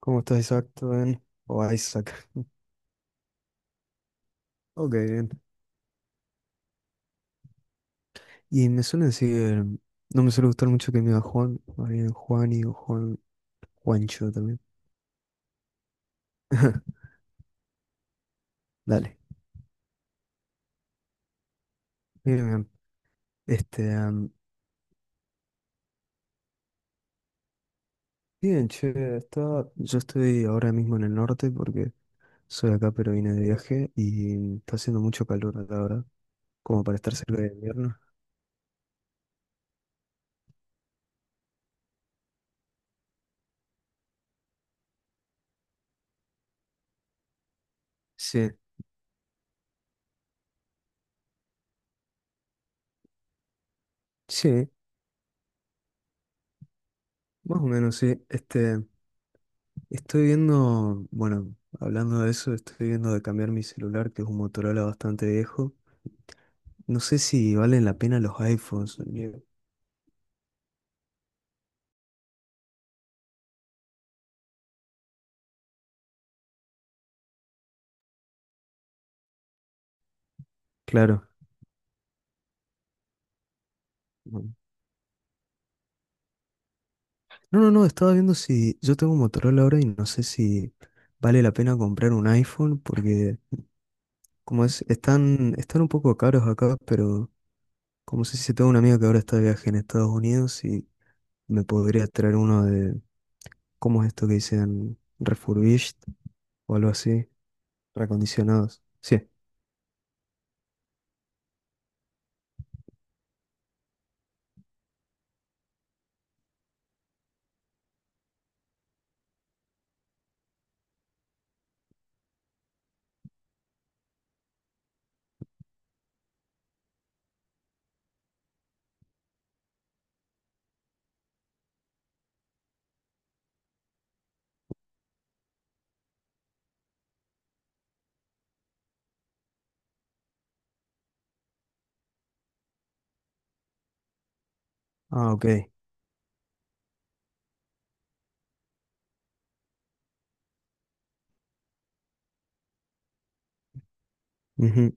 ¿Cómo estás, Isaac? ¿Todo bien? O Isaac. Ok, bien. Y me suelen decir, no me suele gustar mucho que me diga Juan, más bien Juani o Juan, Juancho también. Dale. Bien, bien. Este, am, bien, che, está, yo estoy ahora mismo en el norte porque soy acá, pero vine de viaje y está haciendo mucho calor acá ahora, como para estar cerca de invierno. Sí, sí, más o menos, sí. Estoy viendo, bueno, hablando de eso, estoy viendo de cambiar mi celular, que es un Motorola bastante viejo. No sé si valen la pena los iPhones. Claro. No, no, estaba viendo si yo tengo un Motorola ahora y no sé si vale la pena comprar un iPhone, porque como es, están un poco caros acá, pero como sé si tengo una amiga que ahora está de viaje en Estados Unidos y me podría traer uno de, ¿cómo es esto que dicen? Refurbished o algo así, reacondicionados. Sí. Ah, ok. Ujú.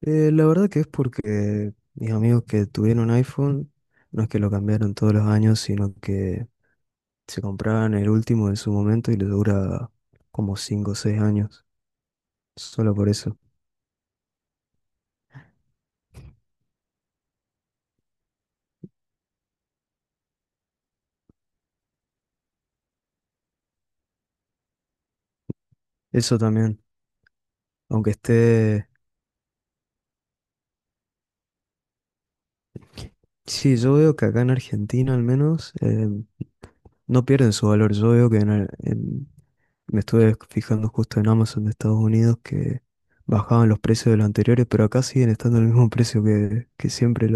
La verdad que es porque mis amigos que tuvieron iPhone, no es que lo cambiaron todos los años, sino que se compraban el último en su momento y les dura como 5 o 6 años, solo por eso. Eso también, aunque esté... Sí, yo veo que acá en Argentina al menos no pierden su valor. Yo veo que me estuve fijando justo en Amazon de Estados Unidos que bajaban los precios de los anteriores, pero acá siguen estando al mismo precio que siempre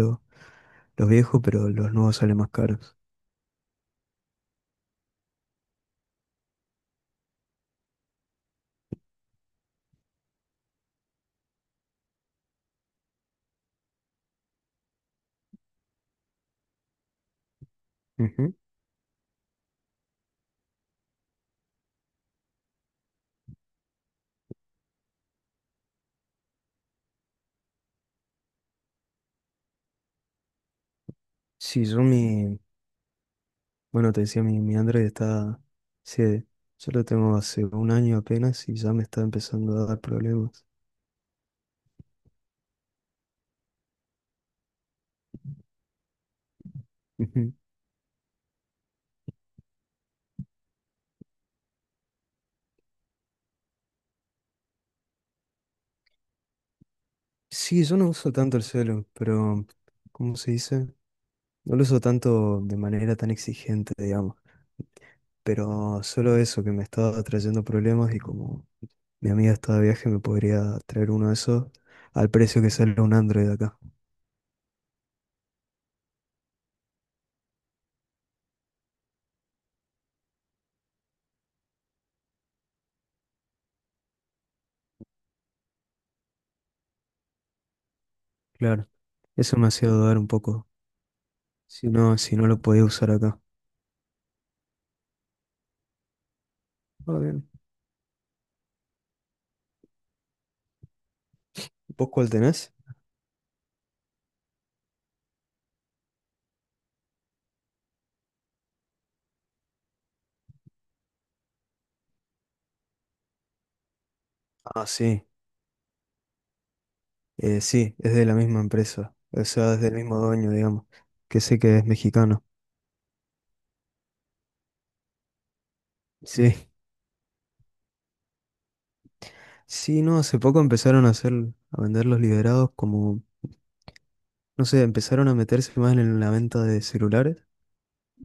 los viejos, pero los nuevos salen más caros. Ujú. Sí, yo mi, bueno, te decía, mi Android está, sí, yo lo tengo hace un año apenas y ya me está empezando a dar problemas. Ujú. Sí, yo no uso tanto el celu, pero, ¿cómo se dice? No lo uso tanto de manera tan exigente, digamos, pero solo eso que me está trayendo problemas y como mi amiga está de viaje me podría traer uno de esos al precio que sale un Android acá. Claro. Eso me ha sido dudar un poco. Si no, si no lo podía usar acá. Ah, bien. ¿Vos cuál tenés? Ah, sí. Sí, es de la misma empresa. O sea, es del mismo dueño, digamos. Que sé que es mexicano. Sí. Sí, no, hace poco empezaron a hacer, a vender los liberados como, no sé, empezaron a meterse más en la venta de celulares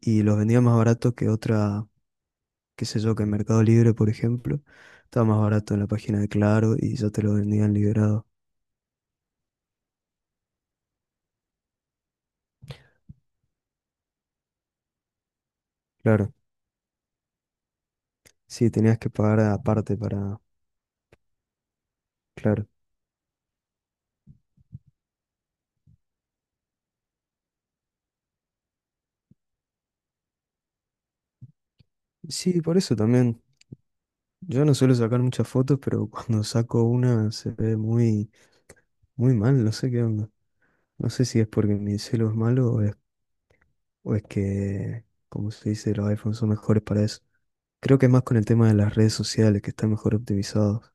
y los vendían más barato que otra, qué sé yo, que en Mercado Libre, por ejemplo. Estaba más barato en la página de Claro y ya te lo vendían liberado. Claro. Sí, tenías que pagar aparte para, claro. Sí, por eso también. Yo no suelo sacar muchas fotos, pero cuando saco una se ve muy, muy mal, no sé qué onda. No sé si es porque mi celu es malo o es que, como se dice, los iPhones son mejores para eso. Creo que es más con el tema de las redes sociales, que están mejor optimizados.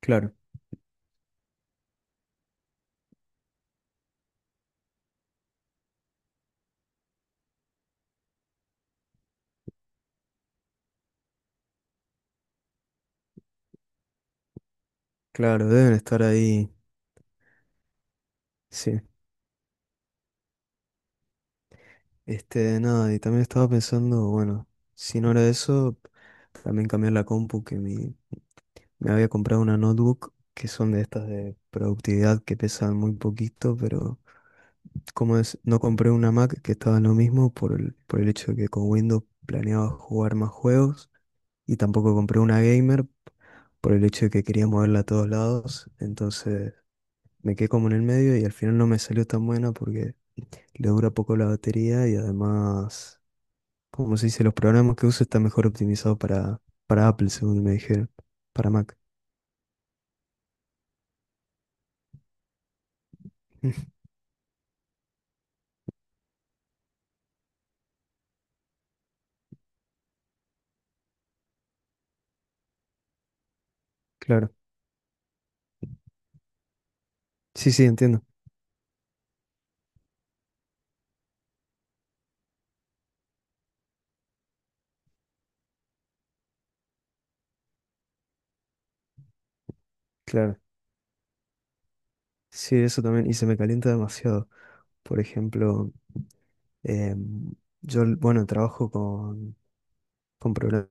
Claro, claro, deben estar ahí. Sí. Este, nada, y también estaba pensando, bueno, si no era eso, también cambiar la compu, me había comprado una notebook, que son de estas de productividad que pesan muy poquito, pero ¿Cómo es? No compré una Mac que estaba en lo mismo por por el hecho de que con Windows planeaba jugar más juegos y tampoco compré una gamer por el hecho de que quería moverla a todos lados. Entonces me quedé como en el medio y al final no me salió tan buena porque le dura poco la batería y además, como se dice, los programas que uso están mejor optimizados para Apple, según me dijeron, para Mac. Claro. Sí, sí, entiendo. Claro. Sí, eso también. Y se me calienta demasiado. Por ejemplo... Em, yo, bueno, con programas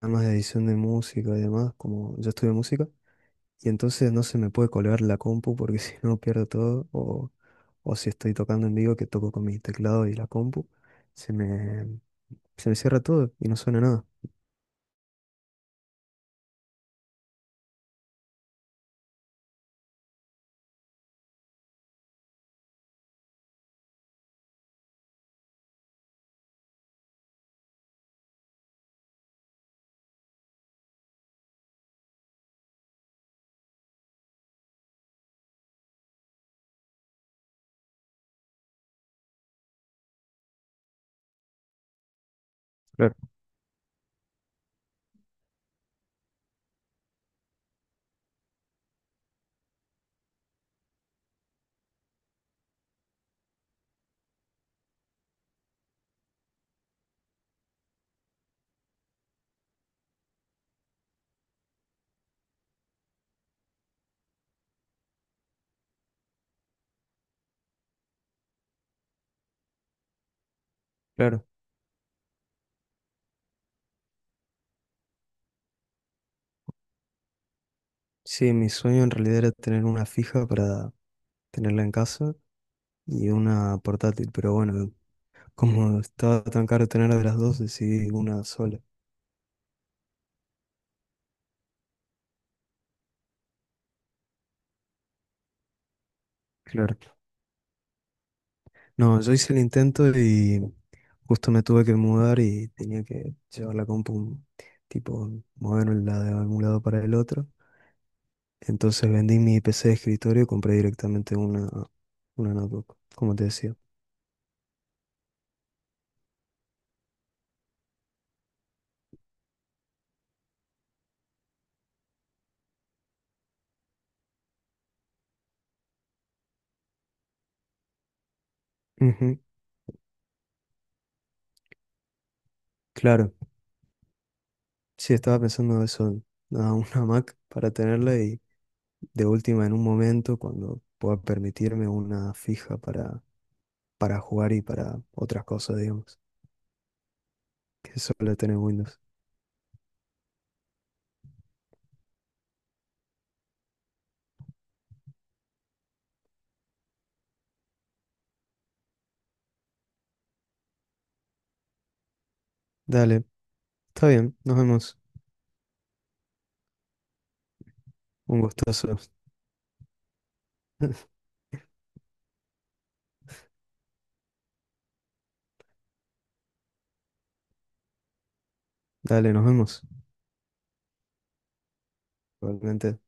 de edición de música y demás, como yo estudio música, y entonces no se me puede colgar la compu porque si no pierdo todo, o si estoy tocando en vivo, que toco con mi teclado y la compu, se me, se me cierra todo y no suena nada. Claro. Claro. Sí, mi sueño en realidad era tener una fija para tenerla en casa y una portátil, pero bueno, como estaba tan caro tener de las dos, decidí una sola. Claro. No, yo hice el intento y justo me tuve que mudar y tenía que llevar la compu, tipo, moverla de un lado para el otro. Entonces vendí mi PC de escritorio y compré directamente una notebook, como te decía. Ujú, claro, sí, estaba pensando eso, nada, una Mac para tenerla y de última en un momento cuando pueda permitirme una fija para jugar y para otras cosas, digamos, que suele tener Windows. Dale, está bien, nos vemos. Un gustazo. Dale, nos vemos. Igualmente.